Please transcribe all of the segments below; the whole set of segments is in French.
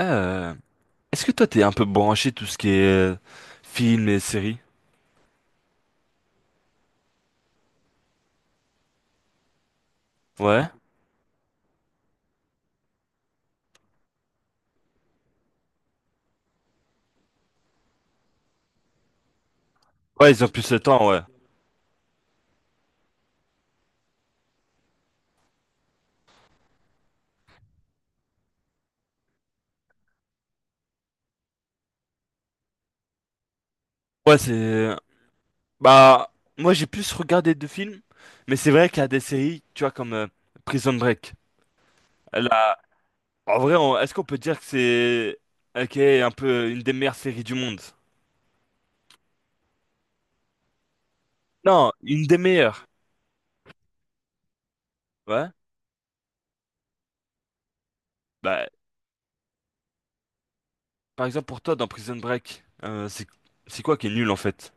Euh, Est-ce que toi t'es un peu branché tout ce qui est film et séries? Ouais. Ouais, ils ont plus le temps, ouais. Ouais, c'est... Bah, Moi j'ai plus regardé de films, mais c'est vrai qu'il y a des séries, tu vois, comme Prison Break. Elle a- En vrai, est-ce qu'on peut dire que c'est... Ok, un peu une des meilleures séries du monde? Non, une des meilleures. Ouais. Bah, par exemple pour toi dans Prison Break, c'est quoi qui est nul en fait?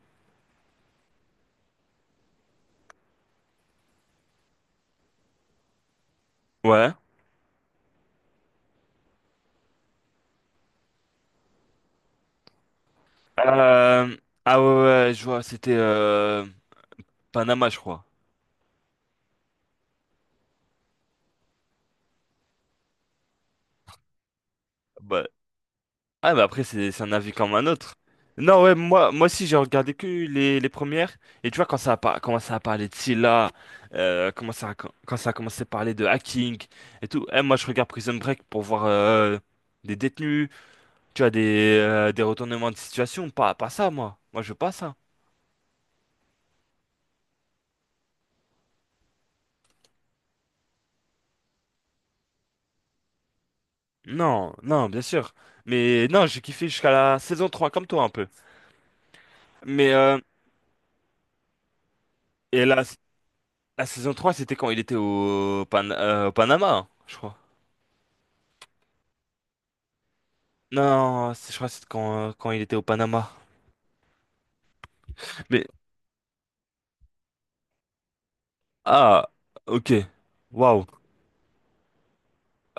Ouais. Euh... Ah ouais, ouais, je vois, c'était Panama, je crois. Bah, bah après, c'est un avis comme un autre. Non, ouais, moi, moi aussi, j'ai regardé que les premières. Et tu vois, quand commencé à parler de Scylla, quand ça a commencé à parler de hacking et tout, eh, moi, je regarde Prison Break pour voir des détenus, tu vois, des retournements de situation. Pas ça, moi. Moi, je veux pas ça. Non, non, bien sûr. Mais non, j'ai kiffé jusqu'à la saison 3 comme toi, un peu. Mais, euh, et la saison 3 c'était quand il était au, au Panama, hein, je crois. Non, c'est- Je crois que c'est quand, quand il était au Panama. Mais, ah, ok. Waouh.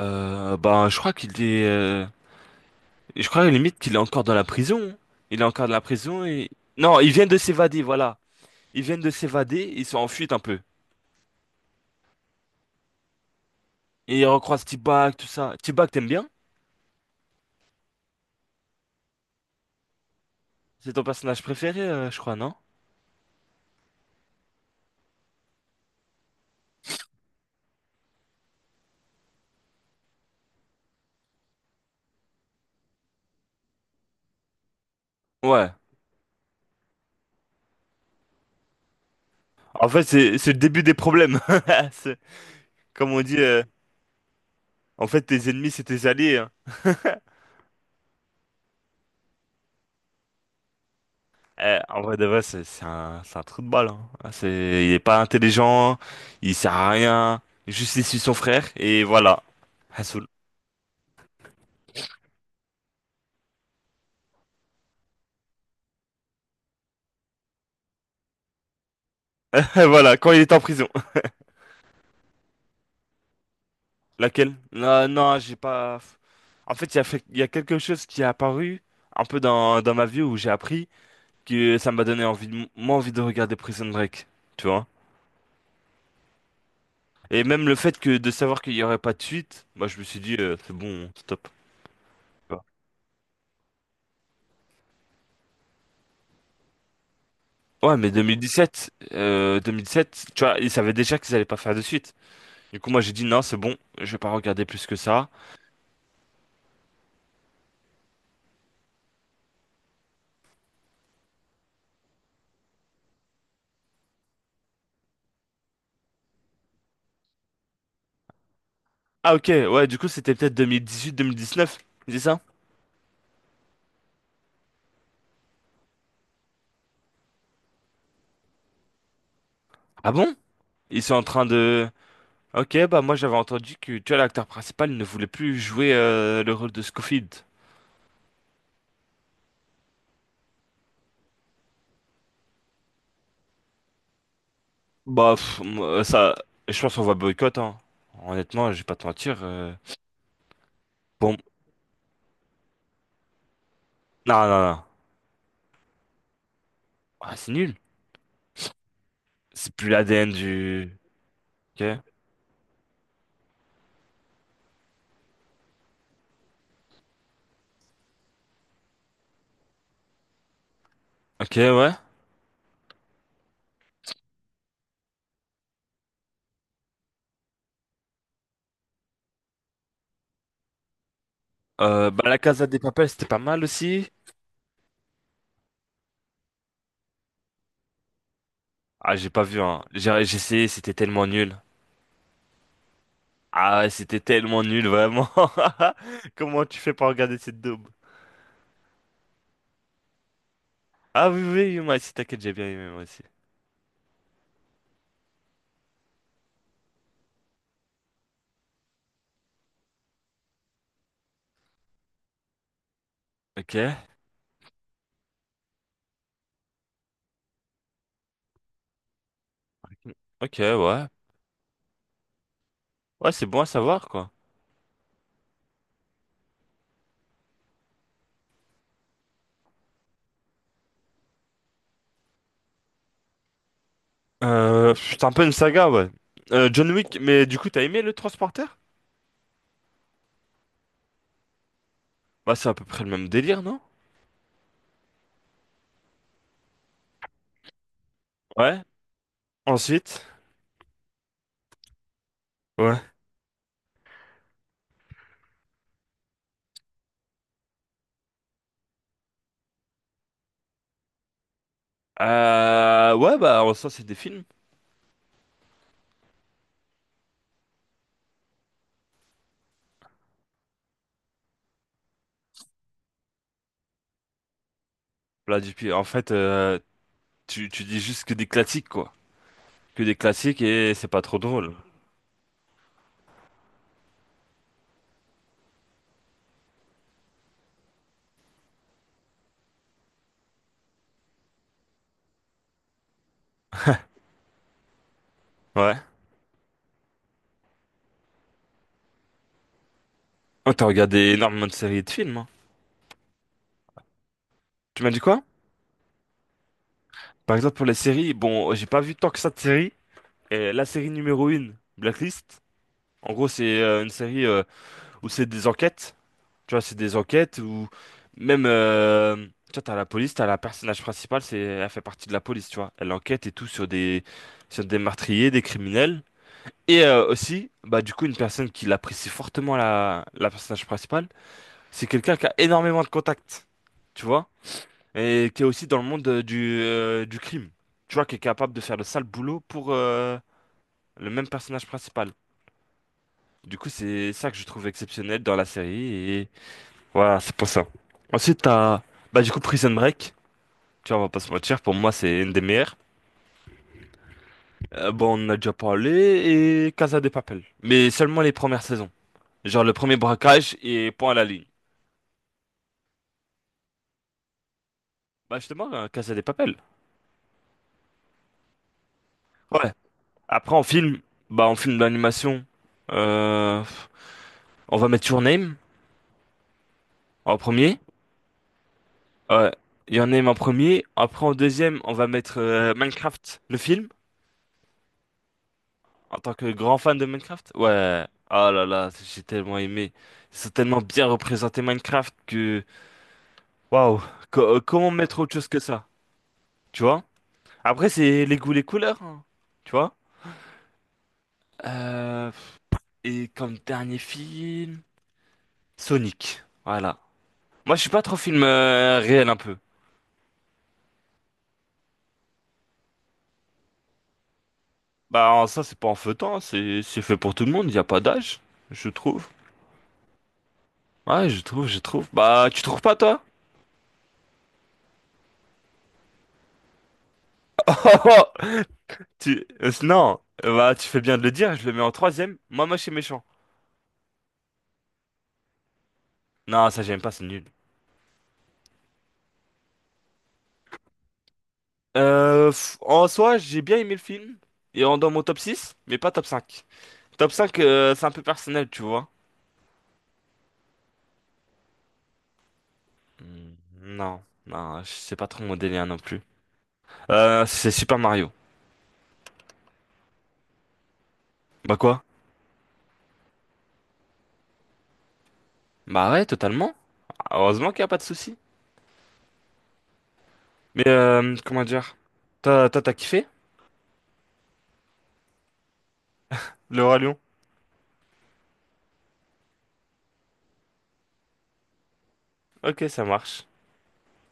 Je crois qu'il est. Je crois limite qu'il est encore dans la prison. Il est encore dans la prison et. Non, ils viennent de s'évader, voilà. Ils viennent de s'évader, ils sont en fuite un peu. Et ils recroisent T-Bag, tout ça. T-Bag, t'aimes bien? C'est ton personnage préféré, je crois, non? Ouais. En fait, c'est le début des problèmes. C'est- Comme on dit, en fait, tes ennemis, c'est tes alliés. Hein. Eh, en vrai de vrai, c'est un trou de balle. Hein. Ah, C'est, il est pas intelligent, il sert à rien. Juste il suit son frère et voilà. Hassoul. Voilà, quand il est en prison. Laquelle? Non, non, j'ai pas. En fait, il y a quelque chose qui est apparu un peu dans ma vie où j'ai appris que ça m'a donné envie de, moins envie de regarder Prison Break, tu vois. Et même le fait que de savoir qu'il y aurait pas de suite, moi je me suis dit c'est bon, stop. Ouais, mais 2017, 2017, tu vois, ils savaient déjà qu'ils allaient pas faire de suite. Du coup, moi, j'ai dit non, c'est bon, je vais pas regarder plus que ça. Ah, ok, ouais, du coup, c'était peut-être 2018-2019, c'est ça? Ah bon? Ils sont en train de... Ok, bah moi, j'avais entendu que, tu vois, l'acteur principal ne voulait plus jouer le rôle de Scofield. Moi, ça, je pense qu'on va boycott, hein. Honnêtement, je vais pas te mentir. Bon, non, non, non. Ah, c'est nul. C'est plus la l'ADN du... Ok, ok, ouais. La Casa des Papel, c'était pas mal aussi. Ah, j'ai pas vu, hein. J'ai essayé, c'était tellement nul. Ah, ouais, c'était tellement nul, vraiment. Comment tu fais pour regarder cette daube? Ah oui, oui, oui, moi aussi, t'inquiète, j'ai bien aimé, moi aussi. Ok. Ok, ouais. Ouais, c'est bon à savoir, quoi. C'est un peu une saga, ouais. John Wick, mais du coup, t'as aimé le Transporteur? Bah, c'est à peu près le même délire, non? Ouais. Ensuite? Ouais. Ouais, bah, en soi, c'est des films. Là, depuis, en fait, tu dis juste que des classiques, quoi. Que des classiques et c'est pas trop drôle. Ouais. Oh, t'as regardé énormément de séries et de films. Hein. Tu m'as dit quoi? Par exemple, pour les séries, bon, j'ai pas vu tant que ça de séries. Et la série numéro 1 Blacklist, en gros, c'est une série où c'est des enquêtes. Tu vois, c'est des enquêtes où même. Tu vois, t'as la police, t'as la personnage principale, c'est, elle fait partie de la police, tu vois. Elle enquête et tout sur des meurtriers, des criminels. Et aussi, bah, du coup, une personne qui l'apprécie fortement, la personnage principale. C'est quelqu'un qui a énormément de contacts, tu vois, et qui est aussi dans le monde du crime, tu vois, qui est capable de faire le sale boulot pour le même personnage principal. Du coup, c'est ça que je trouve exceptionnel dans la série, et voilà, c'est pour ça. Ensuite, t'as, bah, du coup, Prison Break, tu vois, on va pas se mentir, pour moi, c'est une des meilleures. Bon, on en a déjà parlé, et Casa de Papel, mais seulement les premières saisons. Genre le premier braquage et point à la ligne. Bah, justement, Casa de Papel. Ouais. Après, en film, bah, en film d'animation, euh, on va mettre Your Name en premier. Ouais, Your Name en premier. Après, en deuxième, on va mettre Minecraft, le film, en tant que grand fan de Minecraft. Ouais. Ah là là, j'ai tellement aimé. Ils ont tellement bien représenté Minecraft que... Waouh. Comment mettre autre chose que ça? Tu vois? Après, c'est les goûts, les couleurs. Hein, Tu vois? Euh, et comme dernier film, Sonic. Voilà. Moi, je suis pas trop film réel un peu. Bah ça c'est pas en feuilletant, hein. C'est fait pour tout le monde, il y a pas d'âge, je trouve. Ouais, je trouve, je trouve. Bah tu trouves pas toi? Tu non, bah tu fais bien de le dire, je le mets en troisième. Moi moche et méchant. Non, ça j'aime pas, c'est nul. En soi, j'ai bien aimé le film et en dans mon top 6 mais pas top 5. Top 5 c'est un peu personnel, tu vois. Hmm, non, non, c'est pas trop mon délire non plus. C'est Super Mario. Bah quoi? Bah ouais, totalement. Heureusement qu'il y a pas de souci. Mais comment dire? T'as kiffé le Roi Lion? Ok, ça marche.